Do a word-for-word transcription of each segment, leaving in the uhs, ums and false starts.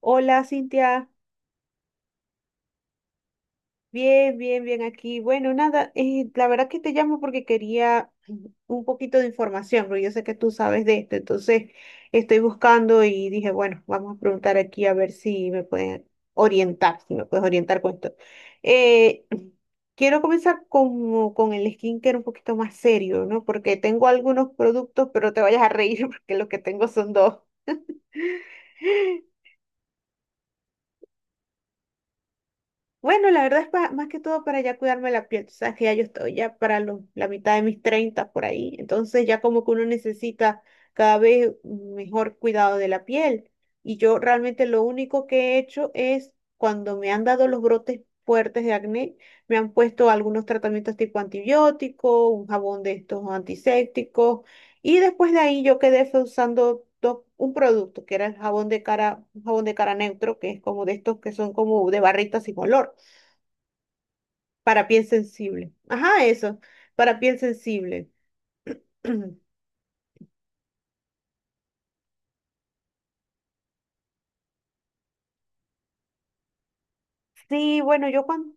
Hola, Cintia. Bien, bien, bien aquí. Bueno, nada, eh, la verdad que te llamo porque quería un poquito de información, porque yo sé que tú sabes de esto, entonces estoy buscando y dije, bueno, vamos a preguntar aquí a ver si me pueden orientar, si me puedes orientar con esto. Eh, Quiero comenzar con, con el skincare un poquito más serio, ¿no? Porque tengo algunos productos, pero no te vayas a reír porque lo que tengo son dos. Bueno, la verdad es pa- más que todo para ya cuidarme la piel. Tú sabes que ya yo estoy ya para los- la mitad de mis treinta por ahí. Entonces ya como que uno necesita cada vez mejor cuidado de la piel. Y yo realmente lo único que he hecho es cuando me han dado los brotes fuertes de acné, me han puesto algunos tratamientos tipo antibiótico, un jabón de estos antisépticos. Y después de ahí yo quedé fue usando dos- un producto que era el jabón de cara, un jabón de cara neutro, que es como de estos que son como de barritas sin olor. Para piel sensible. Ajá, eso. Para piel sensible. Sí, bueno, yo cuando,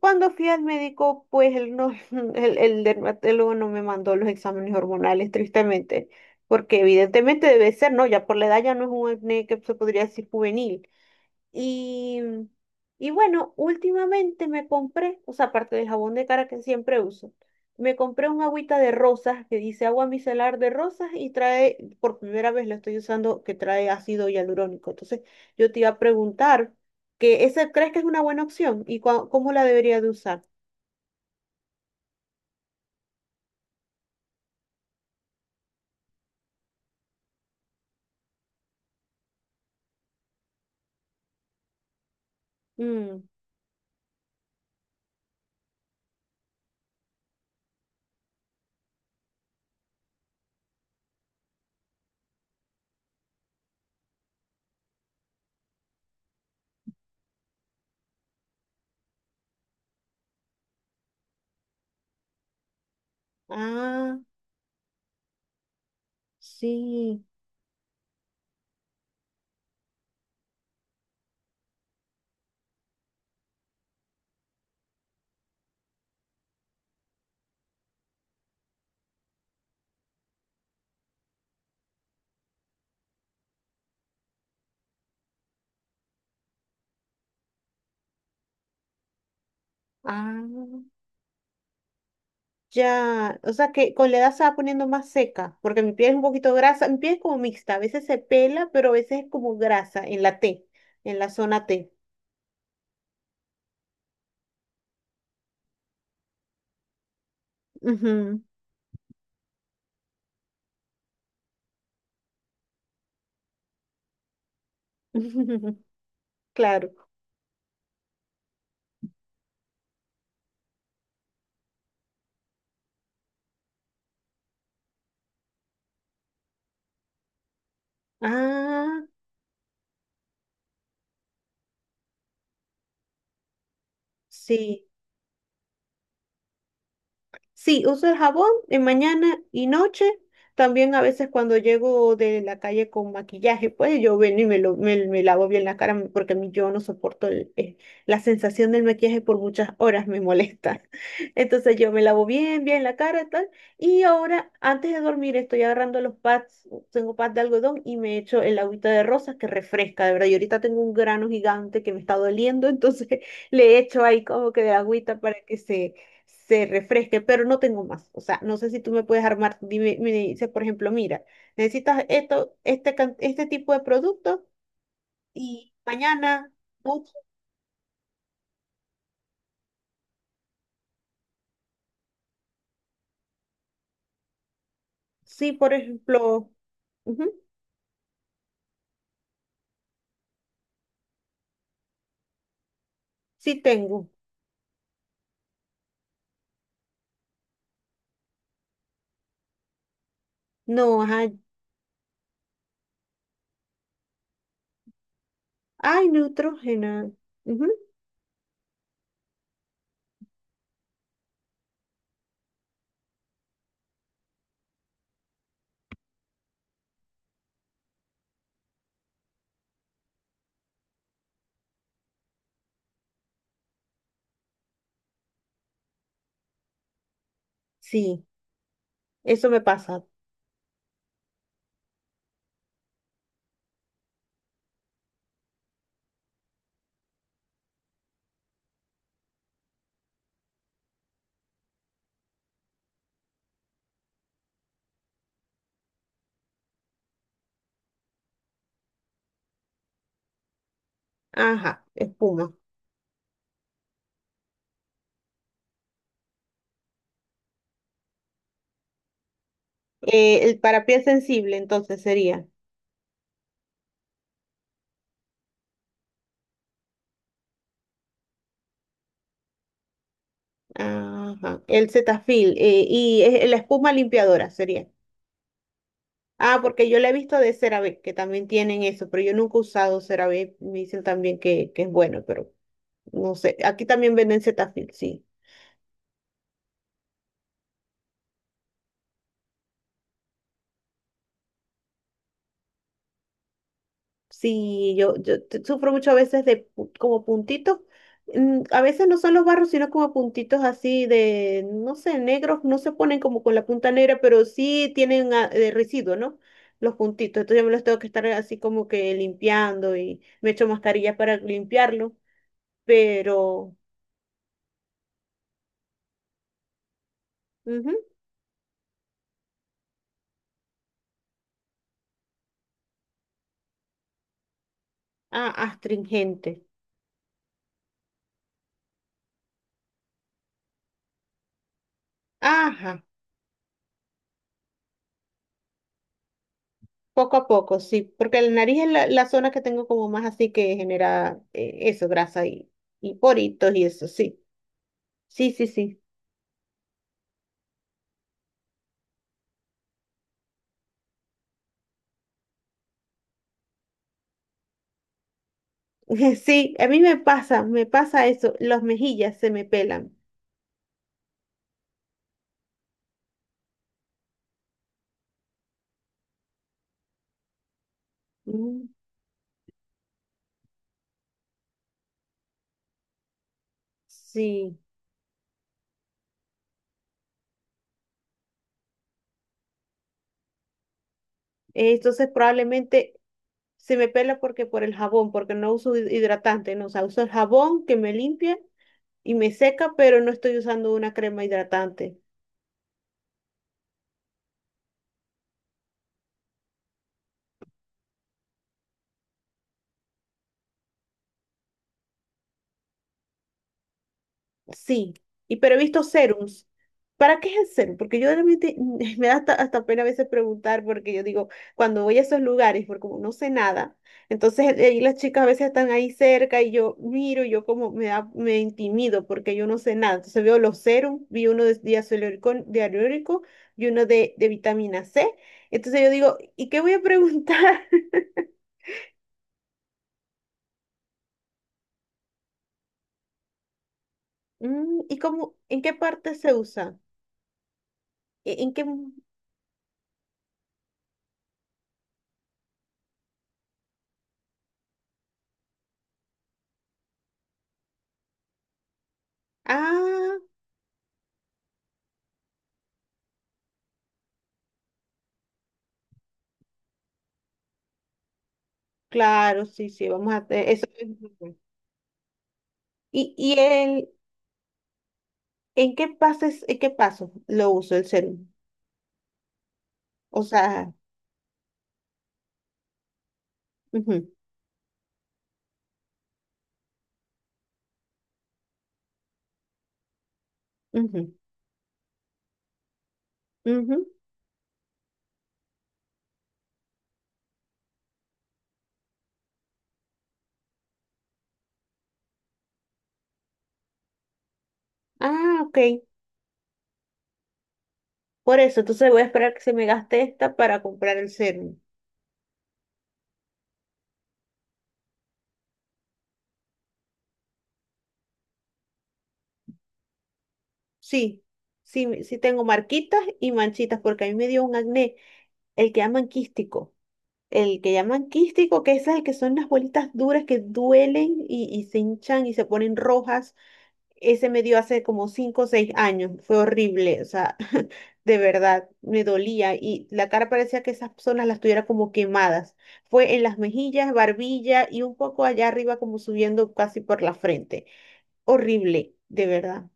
cuando fui al médico, pues él no, el, el dermatólogo no me mandó los exámenes hormonales, tristemente, porque evidentemente debe ser, ¿no? Ya por la edad ya no es un acné que se podría decir juvenil. Y, y bueno, últimamente me compré, o sea, aparte del jabón de cara que siempre uso, me compré un agüita de rosas que dice agua micelar de rosas y trae, por primera vez la estoy usando, que trae ácido hialurónico. Entonces, yo te iba a preguntar que ese ¿crees que es una buena opción? ¿Y cua- cómo la debería de usar? Mm. Ah, sí. Ah. Ya, o sea que con la edad se va poniendo más seca, porque mi piel es un poquito grasa, mi piel es como mixta, a veces se pela, pero a veces es como grasa en la T, en la zona T. Ujú. Claro. Ah, sí. Sí, uso el jabón en mañana y noche. También a veces cuando llego de la calle con maquillaje, pues yo vengo y me, lo, me, me lavo bien la cara porque a mí yo no soporto el- eh, la sensación del maquillaje por muchas horas, me molesta. Entonces yo me lavo bien, bien la cara y tal. Y ahora, antes de dormir, estoy agarrando los pads, tengo pads de algodón y me echo el agüita de rosas que refresca, de verdad. Y ahorita tengo un grano gigante que me está doliendo, entonces le echo ahí como que de agüita para que se se refresque, pero no tengo más. O sea, no sé si tú me puedes armar, dime, me dices, por ejemplo, mira, necesitas esto, este, can- este tipo de producto y mañana, ups, sí, por ejemplo, ujú, sí tengo. No, ajá, ay, Neutrogena. Ujú, sí, eso me pasa. Ajá, espuma. Eh, el para piel sensible, entonces sería. Ajá, el Cetaphil eh, y eh, la espuma limpiadora sería. Ah, porque yo la he visto de CeraVe, que también tienen eso, pero yo nunca he usado CeraVe. Me dicen también que, que es bueno, pero no sé. Aquí también venden Cetaphil, sí. Sí, yo, yo t- sufro mucho a veces de pu- como puntitos. mm, A veces no son los barros, sino como puntitos así de, no sé, negros. No se ponen como con la punta negra, pero sí tienen ah, eh, residuo, ¿no? Los puntitos. Entonces yo me los tengo que estar así como que limpiando y me echo mascarilla para limpiarlo, pero. Ujú. Ah, astringente. Ajá, poco a poco, sí, porque la nariz es la, la zona que tengo como más así que genera eh, eso, grasa y, y poritos y eso, sí. Sí, sí, sí. Sí, a mí me pasa, me pasa eso, las mejillas se me pelan. Mm. Sí. Eh, entonces probablemente se me pela porque por el jabón, porque no uso hid- hidratante, no, o sea, uso el jabón que me limpia y me seca, pero no estoy usando una crema hidratante. Sí, y pero he visto serums. ¿Para qué es el serum? Porque yo realmente me da hasta, hasta pena a veces preguntar, porque yo digo, cuando voy a esos lugares, porque como no sé nada, entonces eh, ahí las chicas a veces están ahí cerca y yo miro, y yo como me da, me intimido porque yo no sé nada. Entonces veo los serums, vi uno de diacelurílico, dialurílico y uno de, de vitamina C. Entonces yo digo, ¿y qué voy a preguntar? Mm, ¿Y cómo, en qué parte se usa? ¿En en qué? Ah. Claro, sí, sí, vamos a hacer eso. Es muy bueno. ¿Y, y el, en qué pases, en qué paso lo uso el serum? O sea, ujú, ujú, ujú. Ah, ok. Por eso, entonces voy a esperar que se me gaste esta para comprar el serum. Sí, sí, me- sí tengo marquitas y manchitas porque a mí me dio un acné, el que llaman quístico. El que llaman quístico, que es el que son las bolitas duras que duelen y, y se hinchan y se ponen rojas. Ese me dio hace como cinco o seis años, fue horrible, o sea, de verdad, me dolía y la cara parecía que esas zonas las tuviera como quemadas. Fue en las mejillas, barbilla y un poco allá arriba como subiendo casi por la frente. Horrible, de verdad.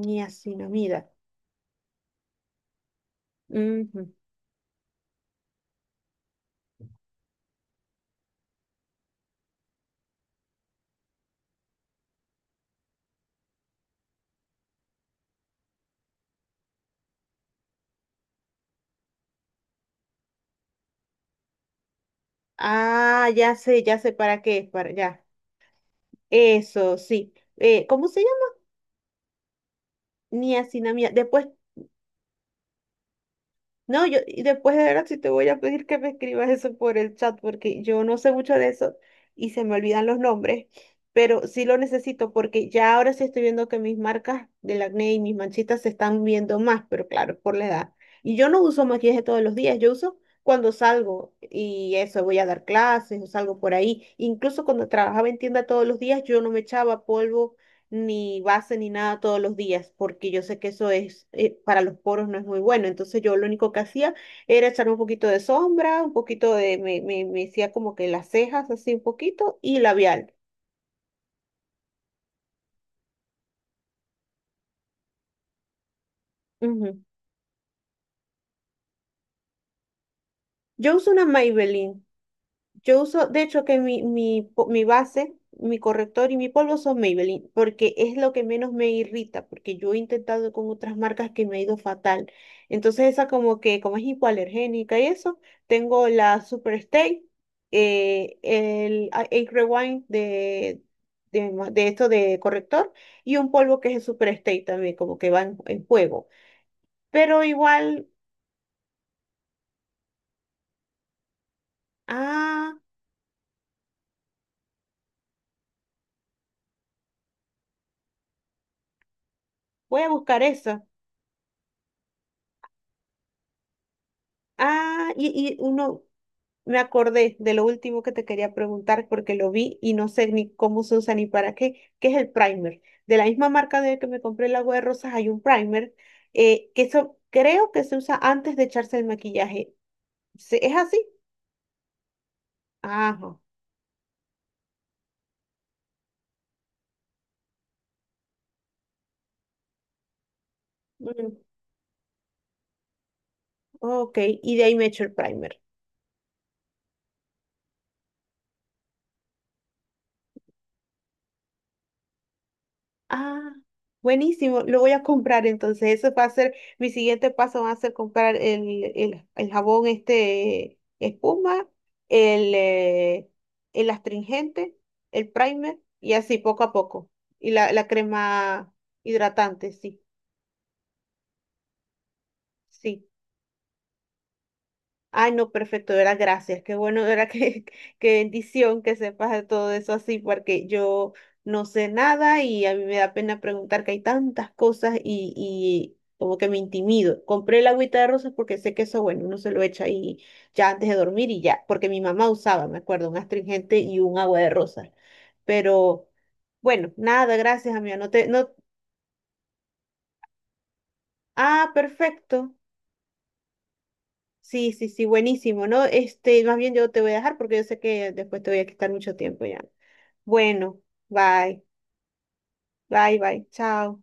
Niacinamida. Ujú. Ah, ya sé, ya sé para qué es, para ya. Eso, sí. Eh, ¿cómo se llama? Niacinamida. Después no, yo, y después de ahora sí te voy a pedir que me escribas eso por el chat, porque yo no sé mucho de eso y se me olvidan los nombres, pero sí lo necesito porque ya ahora sí estoy viendo que mis marcas del acné y mis manchitas se están viendo más, pero claro, por la edad. Y yo no uso maquillaje todos los días, yo uso cuando salgo y eso, voy a dar clases o salgo por ahí. Incluso cuando trabajaba en tienda todos los días, yo no me echaba polvo ni base ni nada todos los días, porque yo sé que eso es, eh, para los poros no es muy bueno. Entonces yo lo único que hacía era echar un poquito de sombra, un poquito de, me, me, me hacía como que las cejas así un poquito y labial. Ujú. Yo uso una Maybelline. Yo uso, de hecho, que mi, mi, po- mi base, mi corrector y mi polvo son Maybelline, porque es lo que menos me irrita, porque yo he intentado con otras marcas que me ha ido fatal. Entonces esa como que, como es hipoalergénica y eso, tengo la Superstay, eh, el A- Age Rewind de, de, ma- de esto de corrector y un polvo que es el Superstay también, como que va en, en juego. Pero igual, ah, voy a buscar eso. Ah, y, y uno, me acordé de lo último que te quería preguntar porque lo vi y no sé ni cómo se usa ni para qué, que es el primer. De la misma marca de que me compré el agua de rosas hay un primer eh, que eso creo que se usa antes de echarse el maquillaje. ¿Se- ¿Es así? Ajá. Mm, ok, y de ahí me echo el primer. Ah, buenísimo, lo voy a comprar entonces. Eso va a ser, mi siguiente paso va a ser comprar el, el, el jabón este espuma, el, eh, el astringente, el primer y así poco a poco. Y la, la crema hidratante, sí, sí. Ay, no, perfecto, era gracias. Qué bueno, era que, qué bendición que sepas de todo eso así, porque yo no sé nada y a mí me da pena preguntar que hay tantas cosas y, y como que me intimido. Compré el agüita de rosas porque sé que eso, bueno, uno se lo echa ahí ya antes de dormir y ya, porque mi mamá usaba, me acuerdo, un astringente y un agua de rosas. Pero bueno, nada, gracias, amiga. No te, no, ah, perfecto. Sí, sí, sí, buenísimo, ¿no? Este, más bien yo te voy a dejar porque yo sé que después te voy a quitar mucho tiempo ya. Bueno, bye, bye, bye, chao.